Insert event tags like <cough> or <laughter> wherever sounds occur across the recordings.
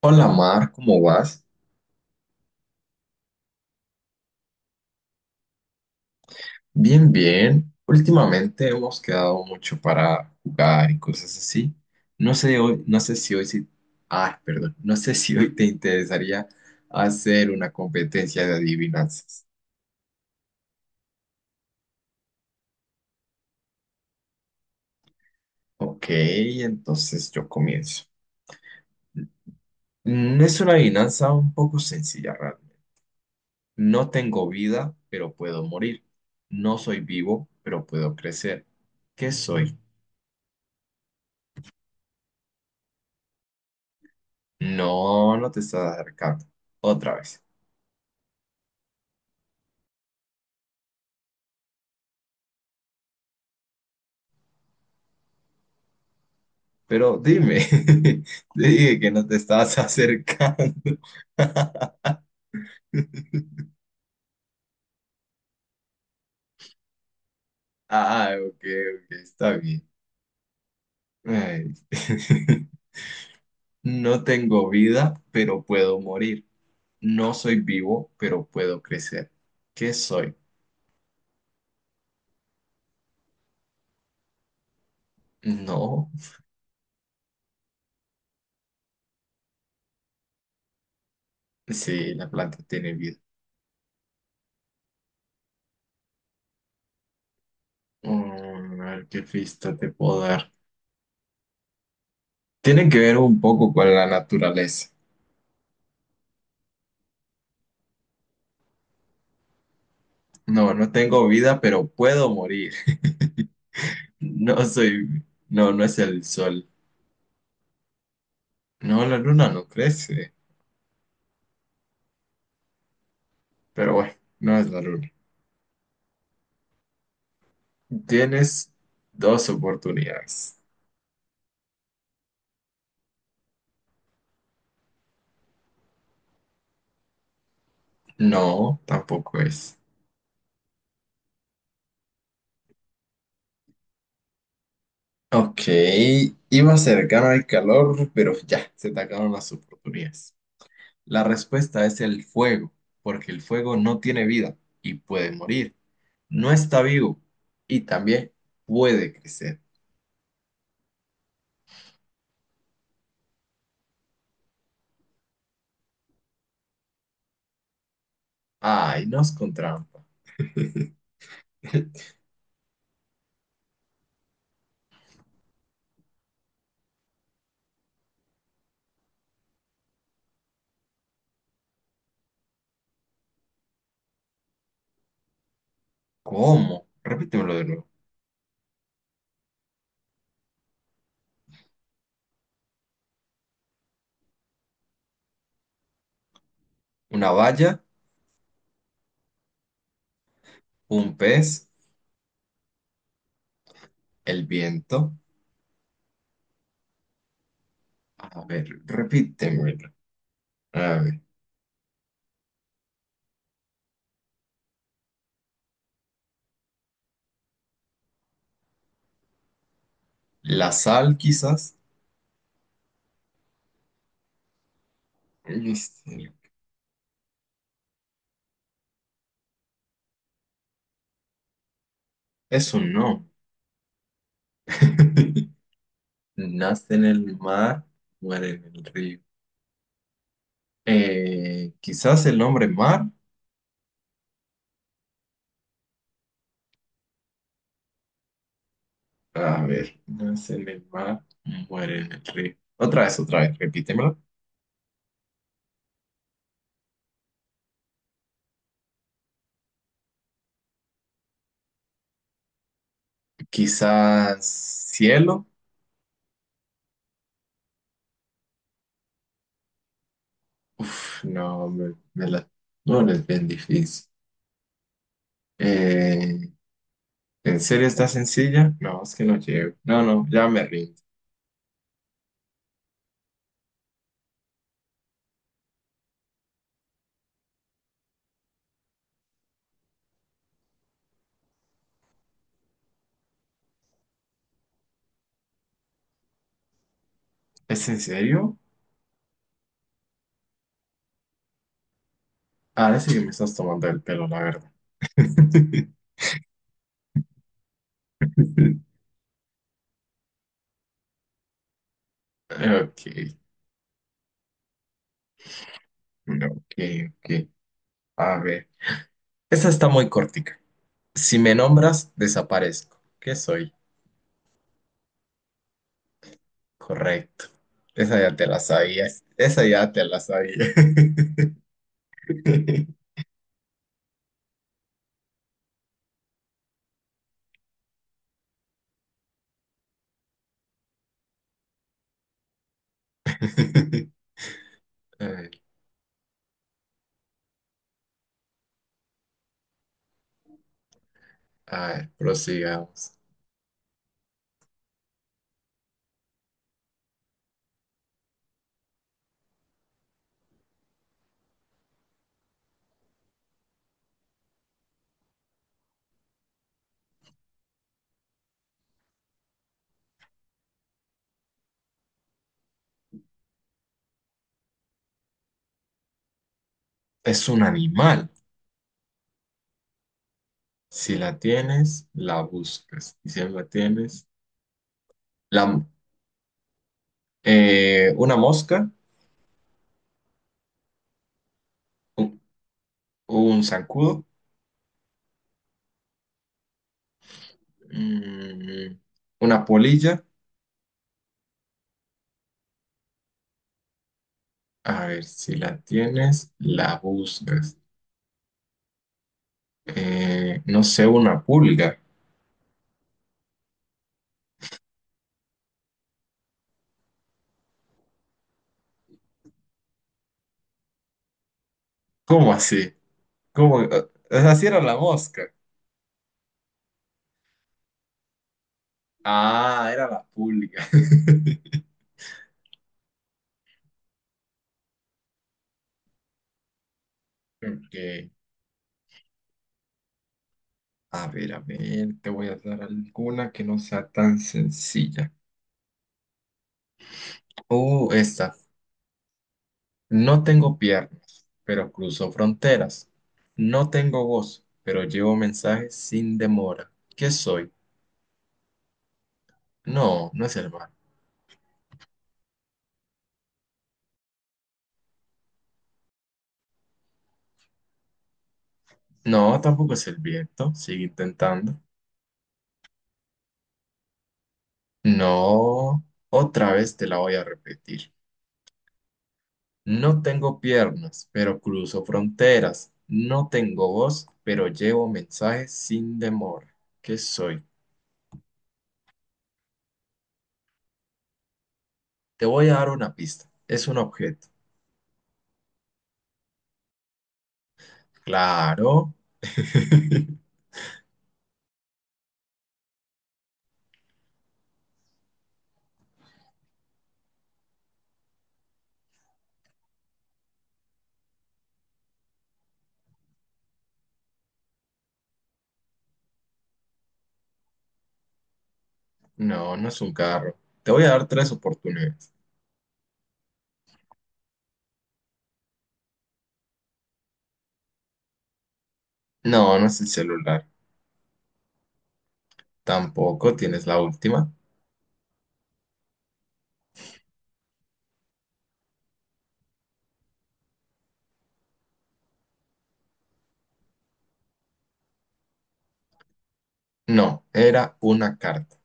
Hola Mar, ¿cómo vas? Bien, bien. Últimamente hemos quedado mucho para jugar y cosas así. No sé hoy, no sé si hoy sí, perdón, no sé si hoy te interesaría hacer una competencia de adivinanzas. Ok, entonces yo comienzo. Es una adivinanza un poco sencilla, realmente. No tengo vida, pero puedo morir. No soy vivo, pero puedo crecer. ¿Qué soy? No, no te estás acercando. Otra vez. Pero dime, <laughs> te dije que no te estabas acercando. <laughs> Ah, ok, ok, está bien. Ay. <laughs> No tengo vida, pero puedo morir. No soy vivo, pero puedo crecer. ¿Qué soy? No. Sí, la planta tiene vida. A ver qué pista te puedo dar. Tiene que ver un poco con la naturaleza. No, no tengo vida, pero puedo morir. <laughs> No soy... No, no es el sol. No, la luna no crece, pero bueno, no es la luna. Tienes dos oportunidades. No, tampoco es. Ok, iba a ser cercano el calor, pero ya, se te acabaron las oportunidades. La respuesta es el fuego, porque el fuego no tiene vida y puede morir. No está vivo y también puede crecer. Ay, nos con trampa. <laughs> ¿Cómo? Repítemelo de nuevo. Una valla, un pez, el viento. A ver, repítemelo. A ver, la sal quizás. Este, eso no. <laughs> Nace en el mar, muere en el río. Quizás el nombre mar. A ver, nace en el mar, muere en el río. Otra vez, repítemelo. Quizás cielo. Uf, no, me la... No, no es bien difícil. Eh, ¿En serio está sencilla? No, es que no llego. No, no, ya me rindo. ¿Es en serio? Ahora sí que me estás tomando el pelo, la verdad. <laughs> Ok, no, ok, ok. A ver. Esta está muy cortica. Si me nombras, desaparezco. ¿Qué soy? Correcto. Esa ya te la sabías. Esa ya te la sabía. <laughs> A ver, prosigamos. Es un animal. Si la tienes, la buscas. Y si no la tienes, la, una mosca, un, un zancudo. Mm, una polilla. A ver, si la tienes, la buscas. No sé, una pulga. ¿Cómo así? ¿Cómo? O sea, sí era la mosca. Ah, era la pulga. <laughs> Ok. A ver, te voy a dar alguna que no sea tan sencilla. Oh, esta. No tengo piernas, pero cruzo fronteras. No tengo voz, pero llevo mensajes sin demora. ¿Qué soy? No, no es el mar. No, tampoco es el viento. Sigue intentando. No, otra vez te la voy a repetir. No tengo piernas, pero cruzo fronteras. No tengo voz, pero llevo mensajes sin demora. ¿Qué soy? Te voy a dar una pista. Es un objeto. Claro. <laughs> No, no es un carro. Te voy a dar tres oportunidades. No, no es el celular. Tampoco tienes la última. No, era una carta.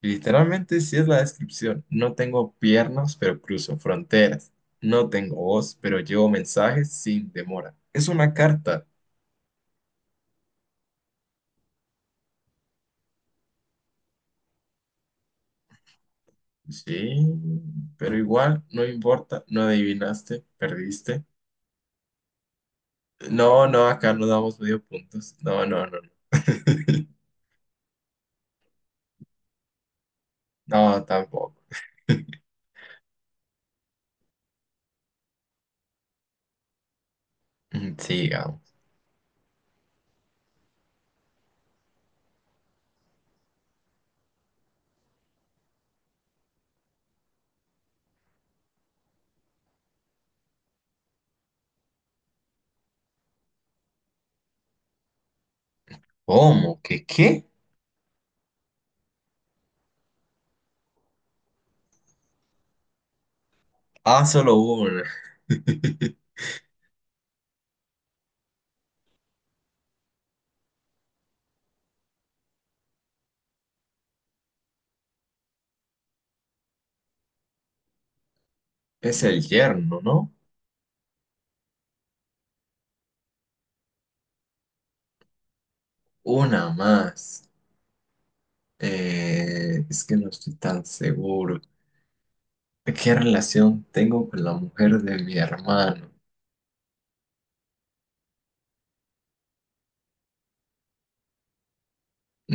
Literalmente sí es la descripción. No tengo piernas, pero cruzo fronteras. No tengo voz, pero llevo mensajes sin demora. Es una carta. Sí, pero igual, no importa, no adivinaste, perdiste. No, no, acá no damos medio puntos. No, no, no, no. <laughs> No, tampoco. Sigamos. ¿Cómo? ¿Qué qué? Ah, solo una. <laughs> Es el yerno, ¿no? Una más. Es que no estoy tan seguro. ¿Qué relación tengo con la mujer de mi hermano?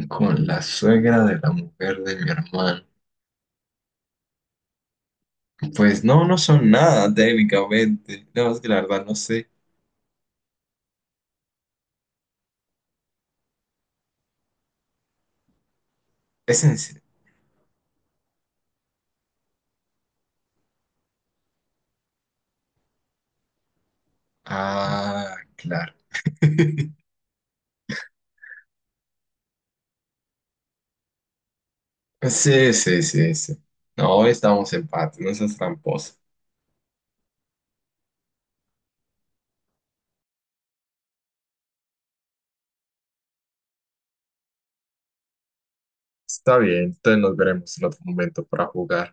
Con la suegra de la mujer de mi hermano. Pues no, no son nada técnicamente. No, es que la verdad no sé. Es en serio. Ah, claro. <laughs> Sí, sí, sí, sí. No, hoy estamos en empate, no seas tramposa. Está bien, entonces nos veremos en otro momento para jugar.